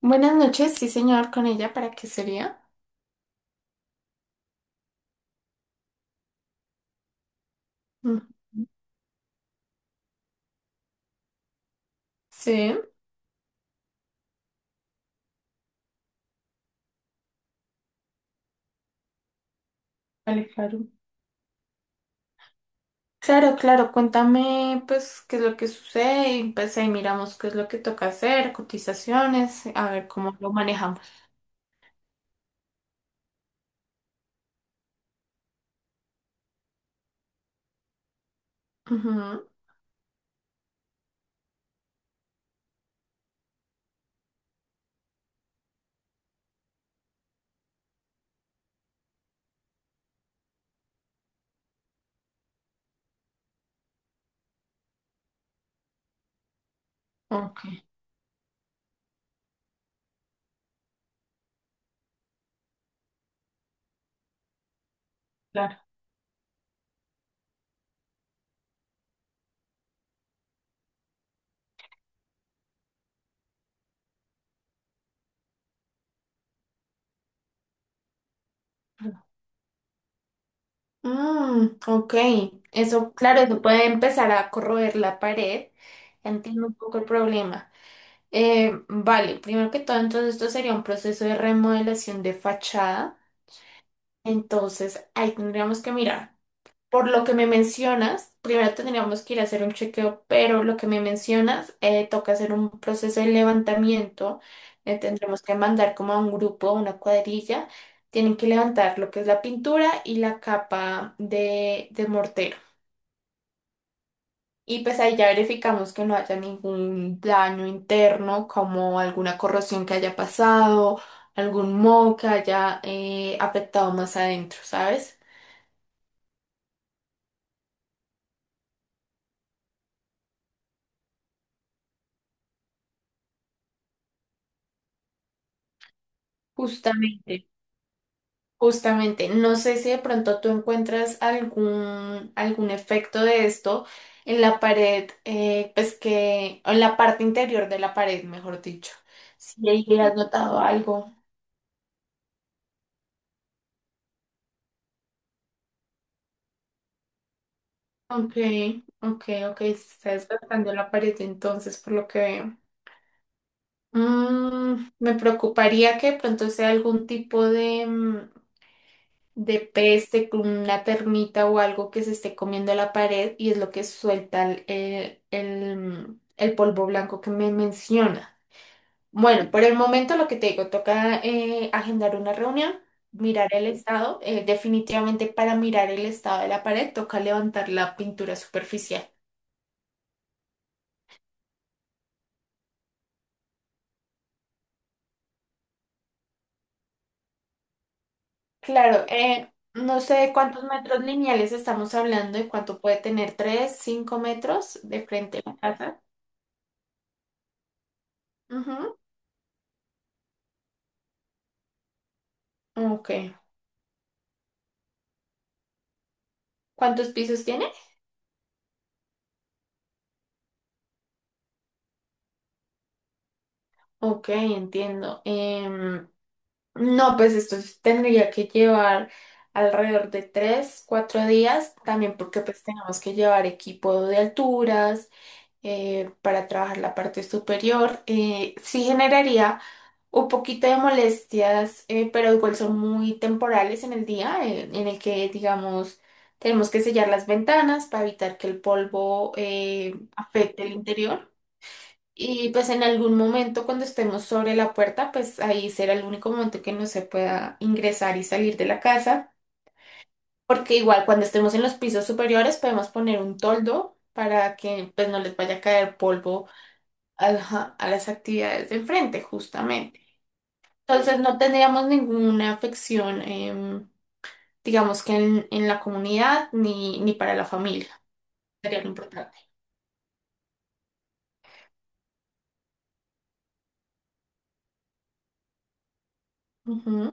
Buenas noches, sí señor, con ella, ¿para qué sería? Ujú. Sí. Vale, claro, claro, claro, cuéntame pues qué es lo que sucede y pues ahí miramos qué es lo que toca hacer, cotizaciones, a ver cómo lo manejamos. Ujú. Ok. Claro, claro. Mm, ok, eso, claro, eso puede empezar a corroer la pared, entiendo un poco el problema. Vale, primero que todo, entonces esto sería un proceso de remodelación de fachada, entonces ahí tendríamos que mirar. Por lo que me mencionas, primero tendríamos que ir a hacer un chequeo, pero lo que me mencionas, toca hacer un proceso de levantamiento. Tendremos que mandar como a un grupo, una cuadrilla. Tienen que levantar lo que es la pintura y la capa de mortero. Y pues ahí ya verificamos que no haya ningún daño interno, como alguna corrosión que haya pasado, algún moho que haya afectado más adentro, ¿sabes? Justamente. Justamente, no sé si de pronto tú encuentras algún, algún efecto de esto en la pared, pues que, o en la parte interior de la pared, mejor dicho. Si ahí has notado algo. Ok, ok, ok, se está desgastando la pared entonces, por lo que veo. Mm, me preocuparía que de pronto sea algún tipo de peste, con una termita o algo que se esté comiendo la pared y es lo que suelta el polvo blanco que me menciona. Bueno, por el momento lo que te digo, toca agendar una reunión, mirar el estado. Definitivamente para mirar el estado de la pared toca levantar la pintura superficial. Claro, no sé de cuántos metros lineales estamos hablando y cuánto puede tener, ¿tres, cinco metros de frente a la casa? Ujú. Ok. ¿Cuántos pisos tiene? Ok, entiendo. No, pues tendría que llevar alrededor de tres, cuatro días, también porque pues tenemos que llevar equipo de alturas para trabajar la parte superior. Sí generaría un poquito de molestias, pero igual son muy temporales en el día, en el que, digamos, tenemos que sellar las ventanas para evitar que el polvo afecte el interior. Y pues en algún momento cuando estemos sobre la puerta, pues ahí será el único momento que no se pueda ingresar y salir de la casa, porque igual cuando estemos en los pisos superiores podemos poner un toldo para que pues no les vaya a caer polvo a, a las actividades de enfrente, justamente. Entonces no tendríamos ninguna afección, digamos que en la comunidad ni, ni para la familia. Sería lo importante. Ujú.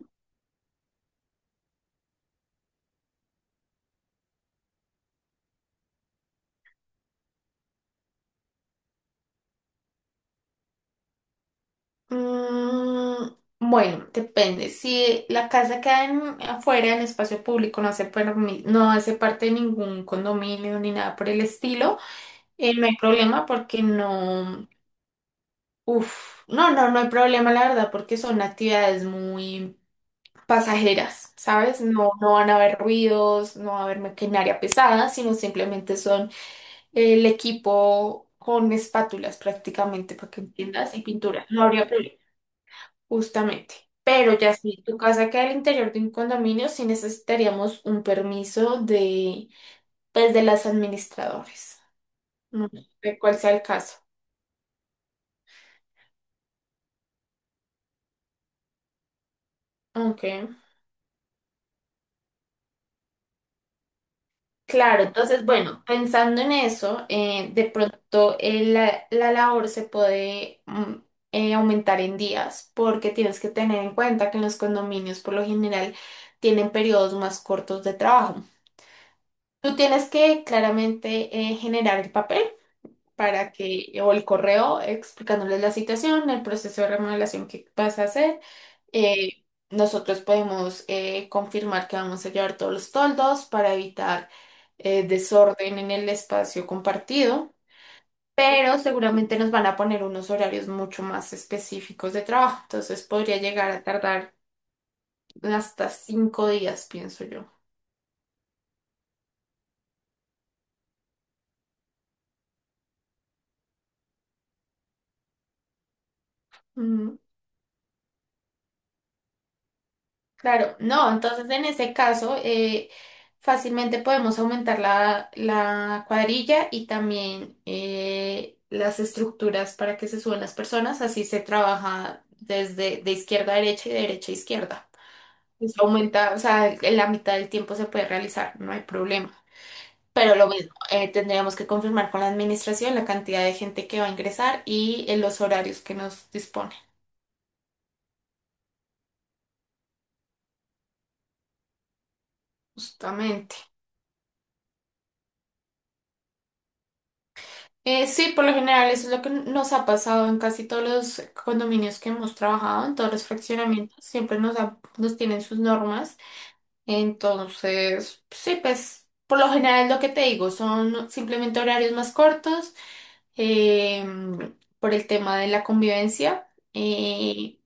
Mm, bueno, depende. Si la casa queda afuera, en espacio público, no hace, no hace parte de ningún condominio ni nada por el estilo, no hay problema porque no... Uf, no, no, no hay problema, la verdad, porque son actividades muy pasajeras, ¿sabes? No, no van a haber ruidos, no va a haber maquinaria pesada, sino simplemente son el equipo con espátulas prácticamente, para que entiendas, y pintura. No habría problema. Justamente. Pero ya si tu casa queda al interior de un condominio, sí necesitaríamos un permiso de, pues, de las administradores. No sé cuál sea el caso. Ok. Claro, entonces, bueno, pensando en eso, de pronto la, la labor se puede mm, aumentar en días, porque tienes que tener en cuenta que en los condominios por lo general tienen periodos más cortos de trabajo. Tú tienes que claramente generar el papel para que, o el correo explicándoles la situación, el proceso de remodelación que vas a hacer. Eh, Nosotros podemos confirmar que vamos a llevar todos los toldos para evitar desorden en el espacio compartido, pero seguramente nos van a poner unos horarios mucho más específicos de trabajo, entonces podría llegar a tardar hasta cinco días, pienso yo. Ujú. Claro, no, entonces en ese caso fácilmente podemos aumentar la, la cuadrilla y también las estructuras para que se suban las personas, así se trabaja desde de izquierda a derecha y de derecha a izquierda. Eso aumenta, o sea, en la mitad del tiempo se puede realizar, no hay problema. Pero lo mismo, tendríamos que confirmar con la administración la cantidad de gente que va a ingresar y los horarios que nos dispone, justamente. Sí, por lo general eso es lo que nos ha pasado en casi todos los condominios que hemos trabajado, en todos los fraccionamientos, siempre nos tienen sus normas. Entonces, sí, pues por lo general lo que te digo son simplemente horarios más cortos eh, por el tema de la convivencia, eh,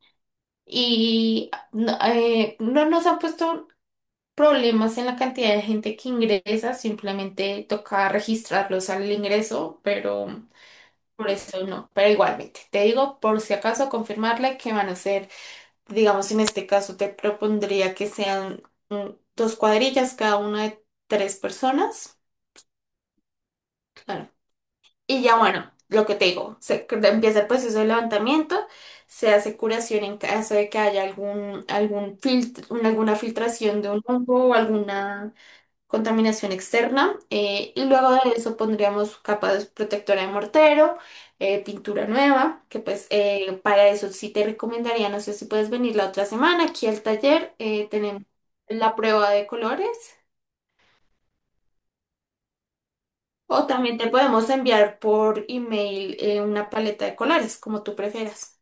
y no, no nos han puesto problemas en la cantidad de gente que ingresa, simplemente toca registrarlos al ingreso, pero... Por eso no, pero igualmente, te digo por si acaso confirmarle que van a ser, digamos en este caso te propondría que sean mm, dos cuadrillas, cada una de tres personas. Claro. Y ya bueno, lo que te digo, empieza el proceso de levantamiento, se hace curación en caso de que haya algún, algún filtro, alguna filtración de un hongo o alguna contaminación externa, y luego de eso pondríamos protectora de mortero, pintura nueva, que pues para eso sí te recomendaría, no sé si puedes venir la otra semana aquí al taller, tenemos la prueba de colores o también te podemos enviar por email una paleta de colores, como tú prefieras.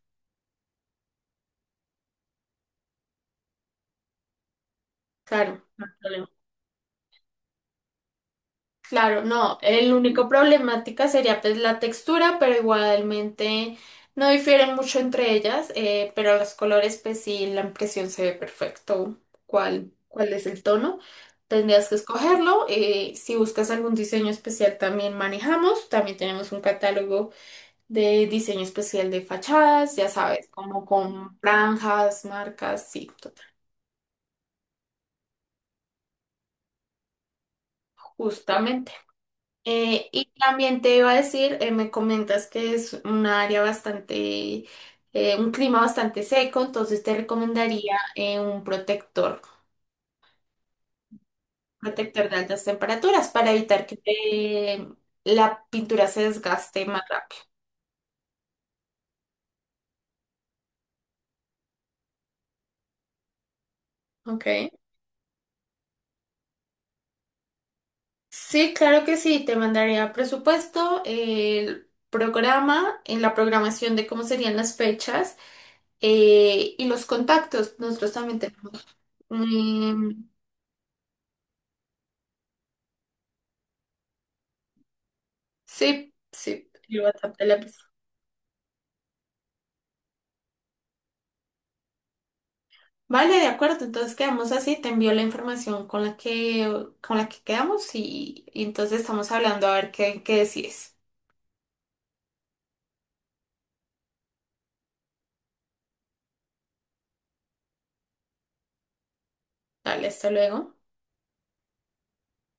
Claro. Claro, no, el único problemática sería pues la textura, pero igualmente no difieren mucho entre ellas, pero los colores pues sí, la impresión se ve perfecto cuál, cuál es el tono. Tendrías que escogerlo. Si buscas algún diseño especial también manejamos, también tenemos un catálogo de diseño especial de fachadas, ya sabes, como con franjas, marcas, sí, total. Justamente. Y también te iba a decir, me comentas que es una área bastante, un clima bastante seco, entonces te recomendaría un protector, protector de altas temperaturas para evitar que la pintura se desgaste más rápido. Okay. Sí, claro que sí, te mandaría presupuesto, el programa, en la programación de cómo serían las fechas y los contactos. Nosotros también tenemos. em, Sí, sí, el WhatsApp de la empresa. Vale, de acuerdo, entonces quedamos así, te envío la información con la que quedamos y entonces estamos hablando a ver qué, qué decides. Dale, hasta luego.